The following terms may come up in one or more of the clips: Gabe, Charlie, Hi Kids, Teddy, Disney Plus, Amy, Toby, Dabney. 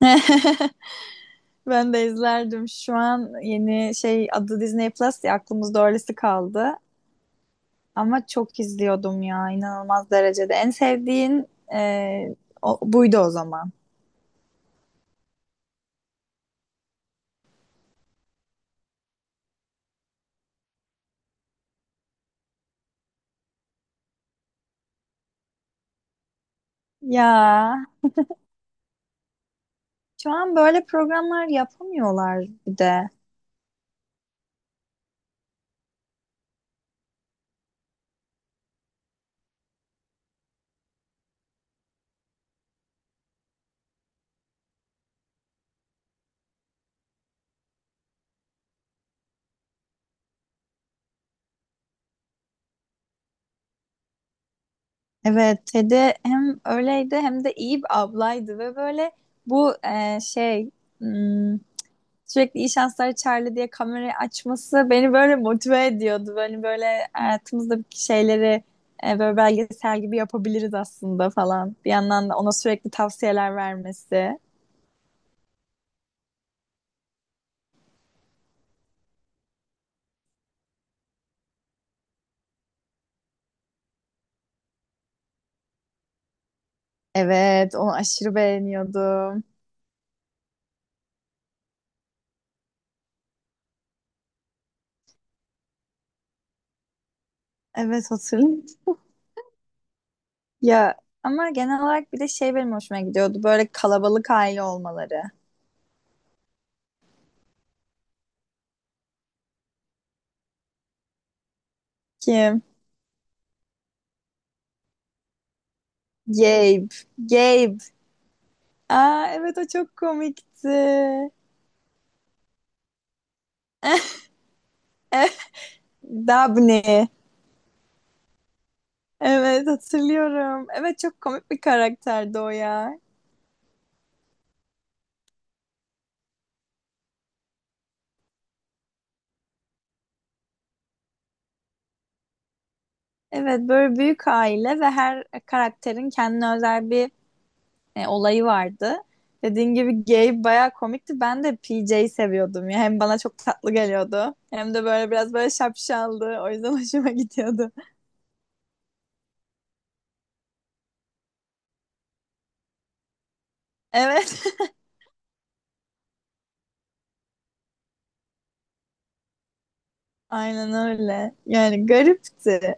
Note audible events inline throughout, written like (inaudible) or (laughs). (laughs) Ben de izlerdim. Şu an yeni şey adı Disney Plus ya aklımızda öylesi kaldı. Ama çok izliyordum ya inanılmaz derecede. En sevdiğin e, o- buydu o zaman. Ya şu an böyle programlar yapamıyorlar bir de. Evet Ted'i hem öyleydi hem de iyi bir ablaydı ve böyle bu hmm, sürekli iyi şanslar Charlie diye kamerayı açması beni böyle motive ediyordu. Böyle böyle hayatımızdaki şeyleri böyle belgesel gibi yapabiliriz aslında falan. Bir yandan da ona sürekli tavsiyeler vermesi. Evet, onu aşırı beğeniyordum. Evet, hatırlıyorum. Ya ama genel olarak bir de şey benim hoşuma gidiyordu. Böyle kalabalık aile olmaları. Kim? Gabe. Gabe. Aa evet o çok komikti. Eh, Dabney. Evet hatırlıyorum. Evet çok komik bir karakterdi o ya. Evet böyle büyük aile ve her karakterin kendine özel bir olayı vardı. Dediğin gibi Gabe bayağı komikti. Ben de PJ'yi seviyordum ya. Hem bana çok tatlı geliyordu. Hem de böyle biraz böyle şapşaldı. O yüzden (laughs) hoşuma gidiyordu. Evet. (laughs) Aynen öyle. Yani garipti.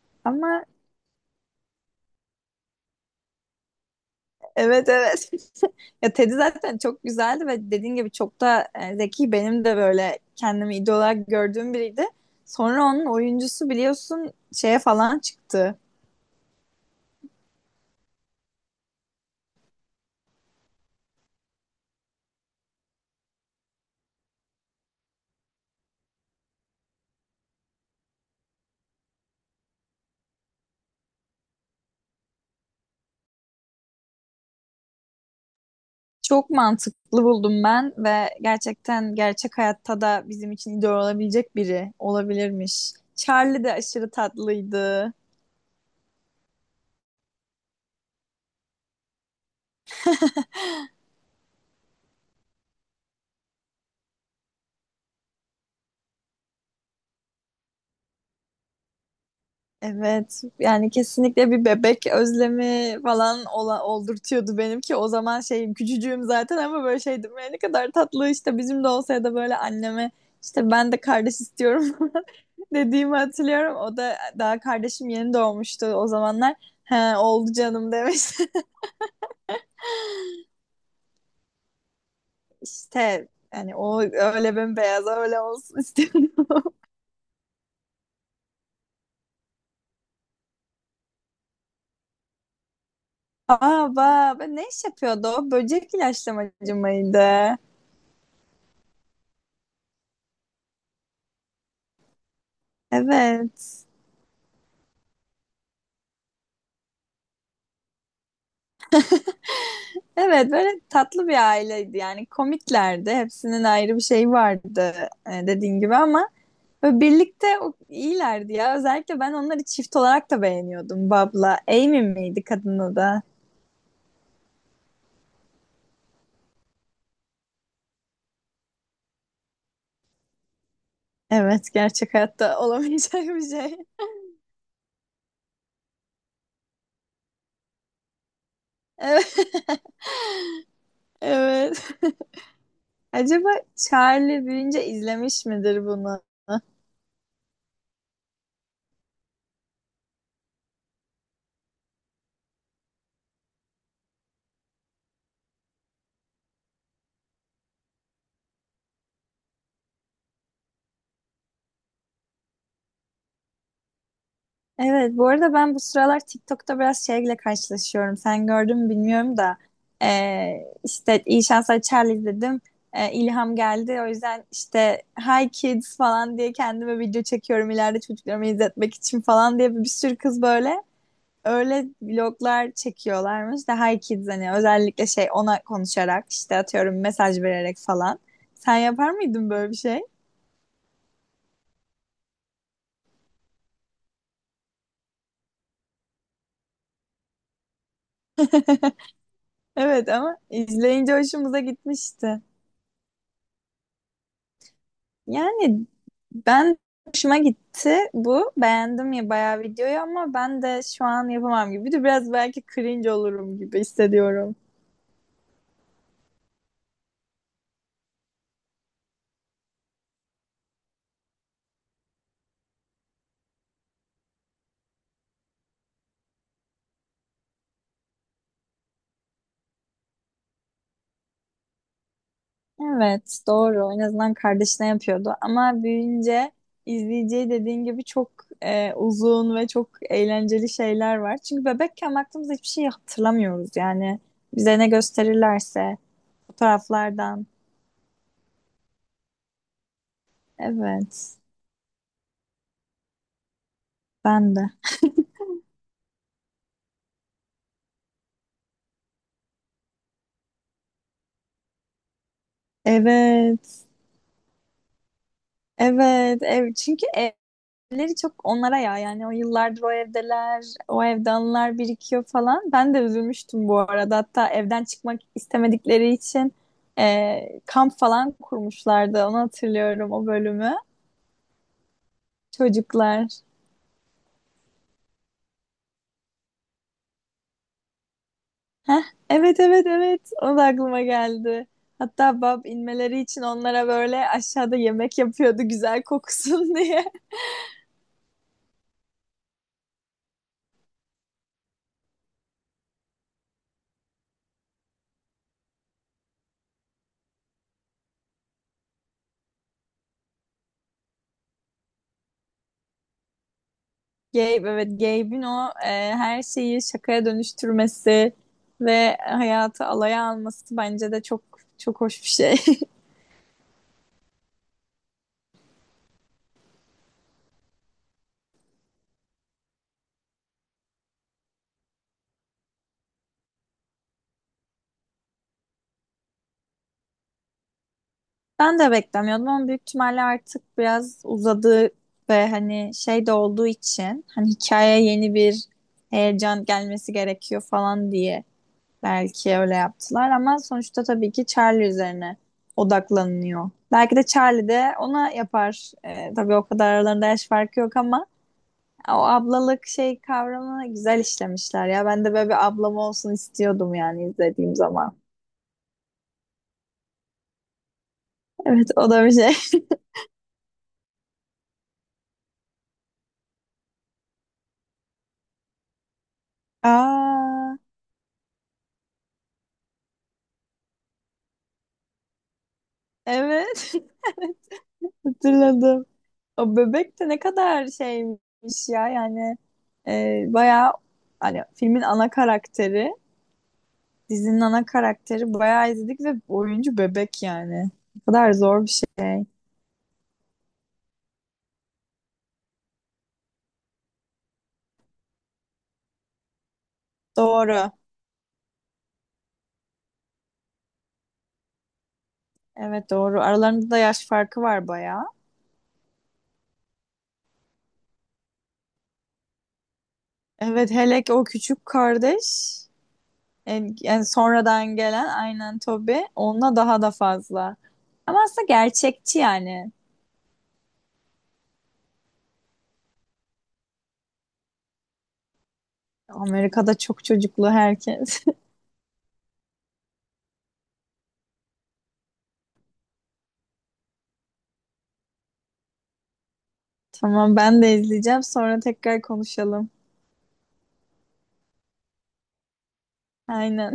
(laughs) Ama evet evet. (laughs) Ya Teddy zaten çok güzeldi ve dediğin gibi çok da zeki. Benim de böyle kendimi idol olarak gördüğüm biriydi. Sonra onun oyuncusu biliyorsun şeye falan çıktı. Çok mantıklı buldum ben ve gerçekten gerçek hayatta da bizim için idol olabilecek biri olabilirmiş. Charlie de aşırı tatlıydı. Evet yani kesinlikle bir bebek özlemi falan oldurtuyordu benim ki o zaman şeyim küçücüğüm zaten ama böyle şeydim "Ya ne kadar tatlı işte bizim de olsa ya da böyle anneme işte ben de kardeş istiyorum (laughs) dediğimi hatırlıyorum." O da daha kardeşim yeni doğmuştu o zamanlar. He oldu canım demiş. (laughs) İşte yani o öyle bembeyaz öyle olsun istiyorum. (laughs) Aa bak ne iş yapıyordu o? Böcek ilaçlamacı mıydı? Evet. Evet böyle tatlı bir aileydi yani komiklerdi hepsinin ayrı bir şeyi vardı, dediğin gibi ama böyle birlikte o- iyilerdi ya, özellikle ben onları çift olarak da beğeniyordum. Bob'la Amy miydi kadını da? Evet gerçek hayatta (laughs) olamayacak bir şey. (laughs) Evet, evet. Acaba Charlie büyüyünce izlemiş midir bunu? Evet, bu arada ben bu sıralar TikTok'ta biraz şeyle karşılaşıyorum. Sen gördün mü bilmiyorum da işte İyi Şanslar Charlie dedim. İlham geldi. O yüzden işte Hi Kids falan diye kendime video çekiyorum ileride çocuklarıma izletmek için falan diye. Bir sürü kız böyle öyle vloglar çekiyorlarmış da Hi Kids, hani özellikle şey ona konuşarak işte atıyorum mesaj vererek falan. Sen yapar mıydın böyle bir şey? (laughs) Evet ama izleyince hoşumuza gitmişti. Yani ben, hoşuma gitti bu. Beğendim ya bayağı videoyu ama ben de şu an yapamam gibi. Bir de biraz belki cringe olurum gibi hissediyorum. Evet doğru. En azından kardeşine yapıyordu. Ama büyüyünce izleyeceği dediğin gibi çok uzun ve çok eğlenceli şeyler var. Çünkü bebekken baktığımızda hiçbir şey hatırlamıyoruz yani. Bize ne gösterirlerse fotoğraflardan. Evet ben de. Evet. Evet, ev çünkü evleri çok onlara ya, yani o yıllardır o evdeler, o evde anılar birikiyor falan. Ben de üzülmüştüm bu arada. Hatta evden çıkmak istemedikleri için kamp falan kurmuşlardı. Onu hatırlıyorum, o bölümü. Çocuklar. Heh, evet evet evet. O da aklıma geldi. Hatta Bab inmeleri için onlara böyle aşağıda yemek yapıyordu, güzel kokusun (laughs) diye. Gabe, evet Gabe'in o her şeyi şakaya dönüştürmesi ve hayatı alaya alması bence de çok çok hoş bir şey. (laughs) Ben de beklemiyordum ama büyük ihtimalle artık biraz uzadı ve hani şey de olduğu için hani hikayeye yeni bir heyecan gelmesi gerekiyor falan diye belki öyle yaptılar. Ama sonuçta tabii ki Charlie üzerine odaklanıyor. Belki de Charlie de ona yapar. E, tabii o kadar aralarında yaş farkı yok ama o ablalık şey kavramı güzel işlemişler ya. Ben de böyle bir ablam olsun istiyordum yani izlediğim zaman. Evet o da bir şey. (laughs) Aa evet. (laughs) Evet, hatırladım. O bebek de ne kadar şeymiş ya, yani bayağı hani filmin ana karakteri, dizinin ana karakteri, bayağı izledik ve oyuncu bebek yani. Ne kadar zor bir şey. Doğru. Evet doğru. Aralarında da yaş farkı var bayağı. Evet hele ki o küçük kardeş. En- yani sonradan gelen, aynen Toby, onunla daha da fazla. Ama aslında gerçekçi yani. Amerika'da çok çocuklu herkes. (laughs) Tamam ben de izleyeceğim, sonra tekrar konuşalım. Aynen.